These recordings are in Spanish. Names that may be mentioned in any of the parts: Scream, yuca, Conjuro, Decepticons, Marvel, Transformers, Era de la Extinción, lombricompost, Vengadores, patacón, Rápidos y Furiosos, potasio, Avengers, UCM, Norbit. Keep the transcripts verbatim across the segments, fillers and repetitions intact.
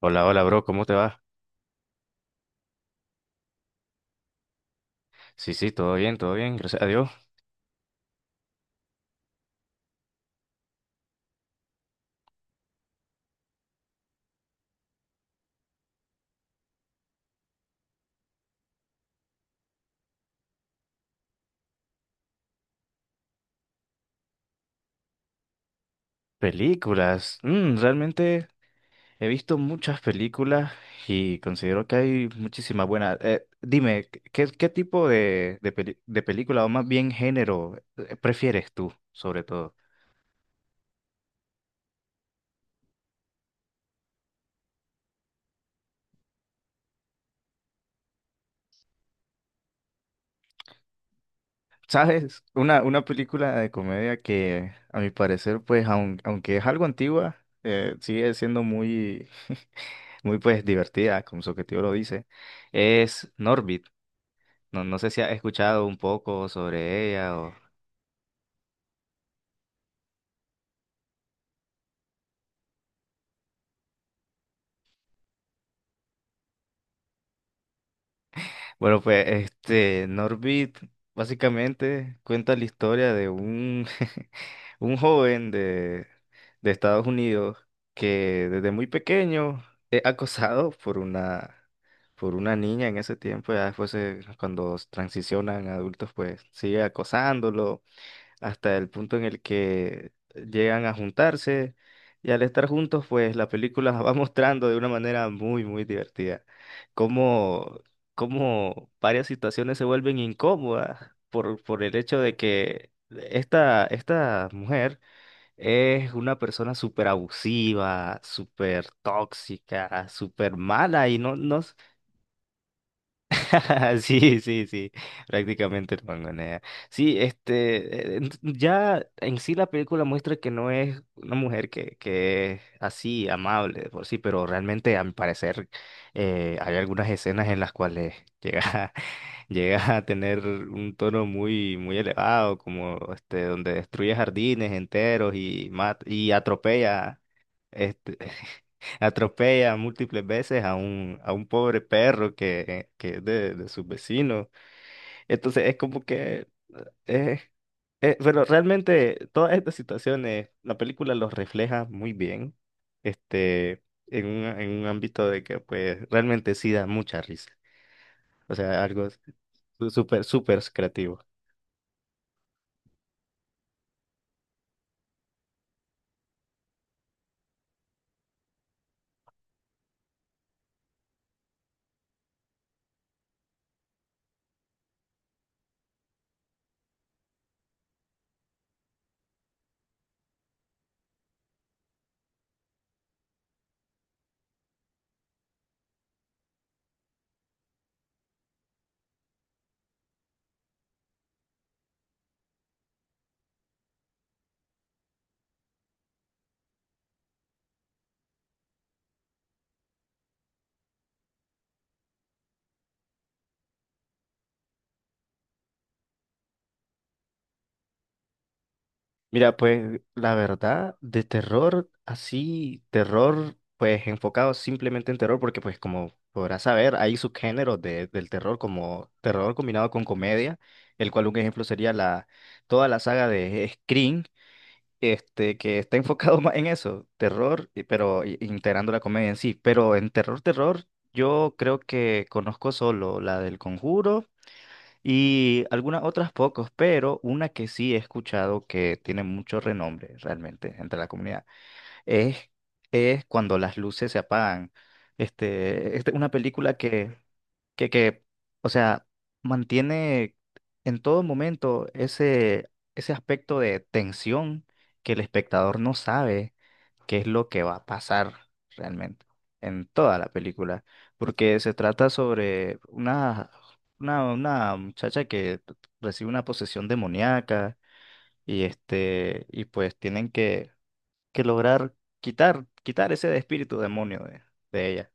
Hola, hola, bro, ¿cómo te va? Sí, sí, todo bien, todo bien, gracias a Dios. Películas. Mm, realmente he visto muchas películas y considero que hay muchísimas buenas. Eh, dime, ¿qué, qué tipo de, de, peli- de película o más bien género eh, prefieres tú, sobre todo? ¿Sabes? Una, una película de comedia que, a mi parecer, pues, aun- aunque es algo antigua, eh, sigue siendo muy, muy, pues, divertida, como su objetivo lo dice, es Norbit. No, no sé si has escuchado un poco sobre ella o... Bueno, pues este Norbit básicamente cuenta la historia de un, un joven de, de Estados Unidos que desde muy pequeño es acosado por una, por una niña en ese tiempo, ya después se- cuando transicionan a adultos, pues sigue acosándolo hasta el punto en el que llegan a juntarse, y al estar juntos, pues la película va mostrando de una manera muy, muy divertida cómo, cómo varias situaciones se vuelven incómodas por, por el hecho de que esta, esta mujer es una persona súper abusiva, súper tóxica, súper mala y no, no. Sí, sí, sí, prácticamente el mangonea. Sí, este, eh, ent- ya en sí la película muestra que no es una mujer que, que es así, amable de por sí, pero realmente a mi parecer eh, hay algunas escenas en las cuales llega, a- llega a tener un tono muy, muy elevado, como este, donde destruye jardines enteros y, mat- y atropella este, atropella múltiples veces a un, a un pobre perro que, que es de, de sus vecinos. Entonces es como que... eh, eh, pero realmente todas estas situaciones, la película los refleja muy bien, este, en un, en un ámbito de que pues realmente sí da mucha risa. O sea, algo s- súper, súper creativo. Mira, pues la verdad, de terror, así, terror, pues enfocado simplemente en terror, porque pues como podrás saber, hay subgéneros de- del terror, como terror combinado con comedia, el cual un ejemplo sería la, toda la saga de Scream, este, que está enfocado más en eso, terror, y- pero i- integrando la comedia en sí. Pero en terror, terror, yo creo que conozco solo la del Conjuro. Y algunas otras pocos, pero una que sí he escuchado que tiene mucho renombre realmente entre la comunidad es, es cuando las luces se apagan. Este, este, una película que, que, que, o sea, mantiene en todo momento ese, ese aspecto de tensión, que el espectador no sabe qué es lo que va a pasar realmente en toda la película, porque se trata sobre una, una, una muchacha que recibe una posesión demoníaca y este, y pues tienen que, que lograr quitar, quitar ese espíritu demonio de, de ella.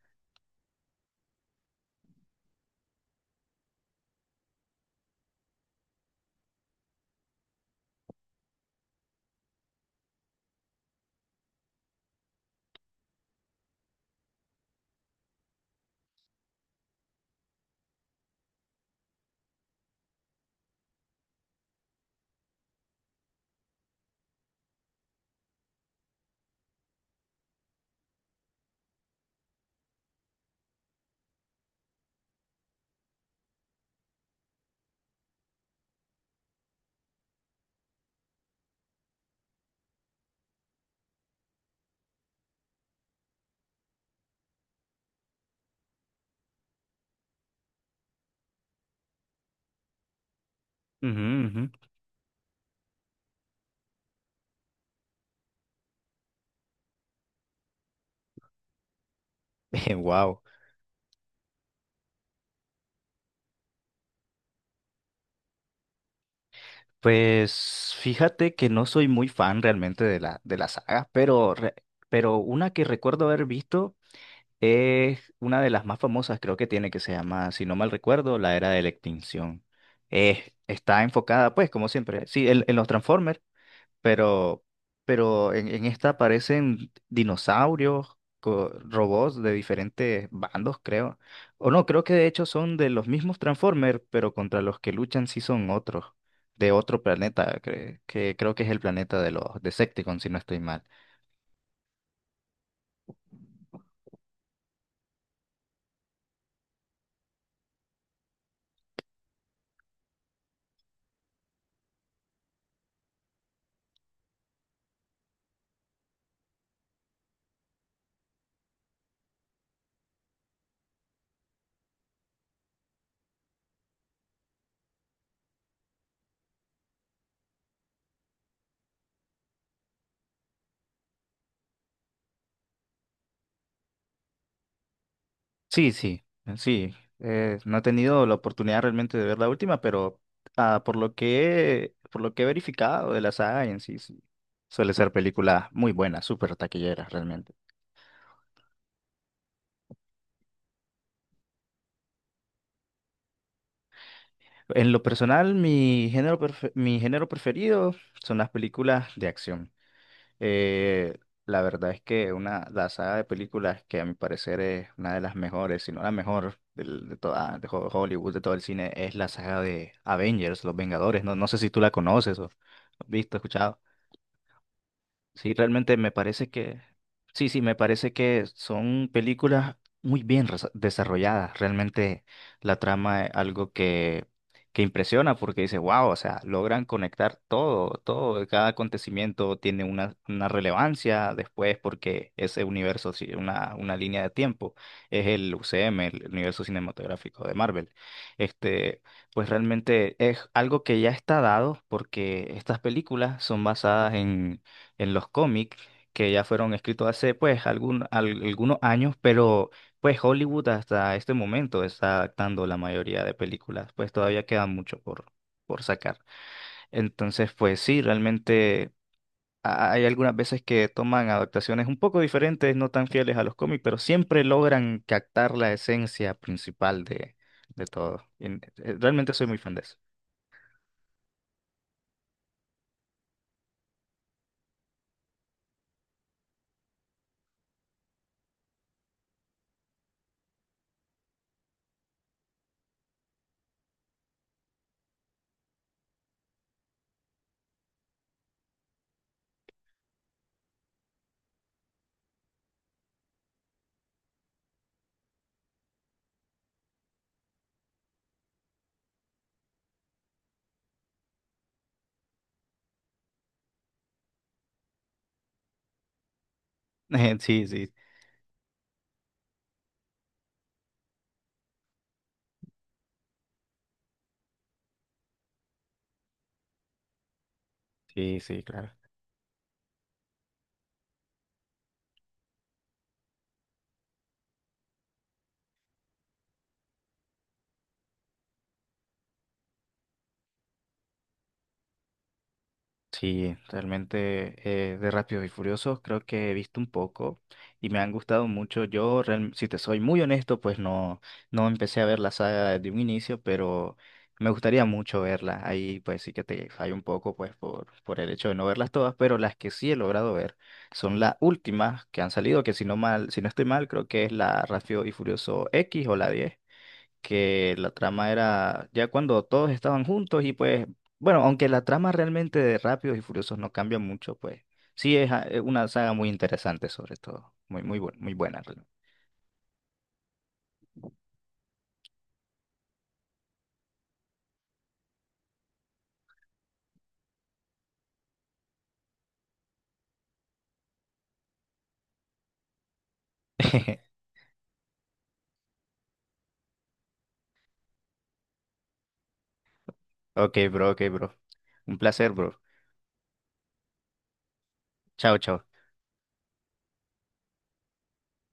Ujú, ujú. Wow. Pues fíjate que no soy muy fan realmente de la, de la saga, pero, re- pero una que recuerdo haber visto, es una de las más famosas, creo que tiene, que se llama, si no mal recuerdo, La Era de la Extinción. Eh, está enfocada, pues, como siempre, sí, en, en los Transformers, pero, pero en, en esta aparecen dinosaurios, co- robots de diferentes bandos, creo. O no, creo que de hecho son de los mismos Transformers, pero contra los que luchan sí son otros, de otro planeta, cre- que creo que es el planeta de los Decepticons, si no estoy mal. Sí, sí, sí. eh, no he tenido la oportunidad realmente de ver la última, pero ah, por lo que, por lo que he verificado de la saga en sí, sí, suele ser película muy buena, súper taquillera realmente. En lo personal, mi género, prefe- mi género preferido son las películas de acción. Eh, la verdad es que una, la saga de películas que a mi parecer es una de las mejores, si no la mejor del- de toda de Ho- Hollywood, de todo el cine, es la saga de Avengers, Los Vengadores. No, no sé si tú la conoces o has visto, escuchado. Sí, realmente me parece que, sí, sí, me parece que son películas muy bien resa- desarrolladas. Realmente la trama es algo que, que impresiona porque dice, wow, o sea, logran conectar todo, todo, cada acontecimiento tiene una, una relevancia después porque ese universo, sí, una, una línea de tiempo, es el U C M, el universo cinematográfico de Marvel. Este, pues realmente es algo que ya está dado porque estas películas son basadas en en los cómics que ya fueron escritos hace pues algún- al- algunos años, pero pues Hollywood hasta este momento está adaptando la mayoría de películas, pues todavía queda mucho por, por sacar. Entonces, pues sí, realmente ha- hay algunas veces que toman adaptaciones un poco diferentes, no tan fieles a los cómics, pero siempre logran captar la esencia principal de, de todo. Y, eh, Realmente soy muy fan de eso. Sí, sí, sí, sí, claro. Sí, realmente eh, de Rápidos y Furiosos creo que he visto un poco y me han gustado mucho. Yo, real- si te soy muy honesto, pues no, no empecé a ver la saga desde un inicio, pero me gustaría mucho verla. Ahí pues sí que te fallo un poco pues por, por el hecho de no verlas todas, pero las que sí he logrado ver son las últimas que han salido, que si no mal, si no estoy mal, creo que es la Rápido y Furioso X o la diez, que la trama era ya cuando todos estaban juntos y pues, bueno, aunque la trama realmente de Rápidos y Furiosos no cambia mucho, pues sí es ah, eh, una saga muy interesante sobre todo, muy, muy, bu- muy buena realmente. Ok, bro, ok, bro. Un placer, bro. Chao, chao.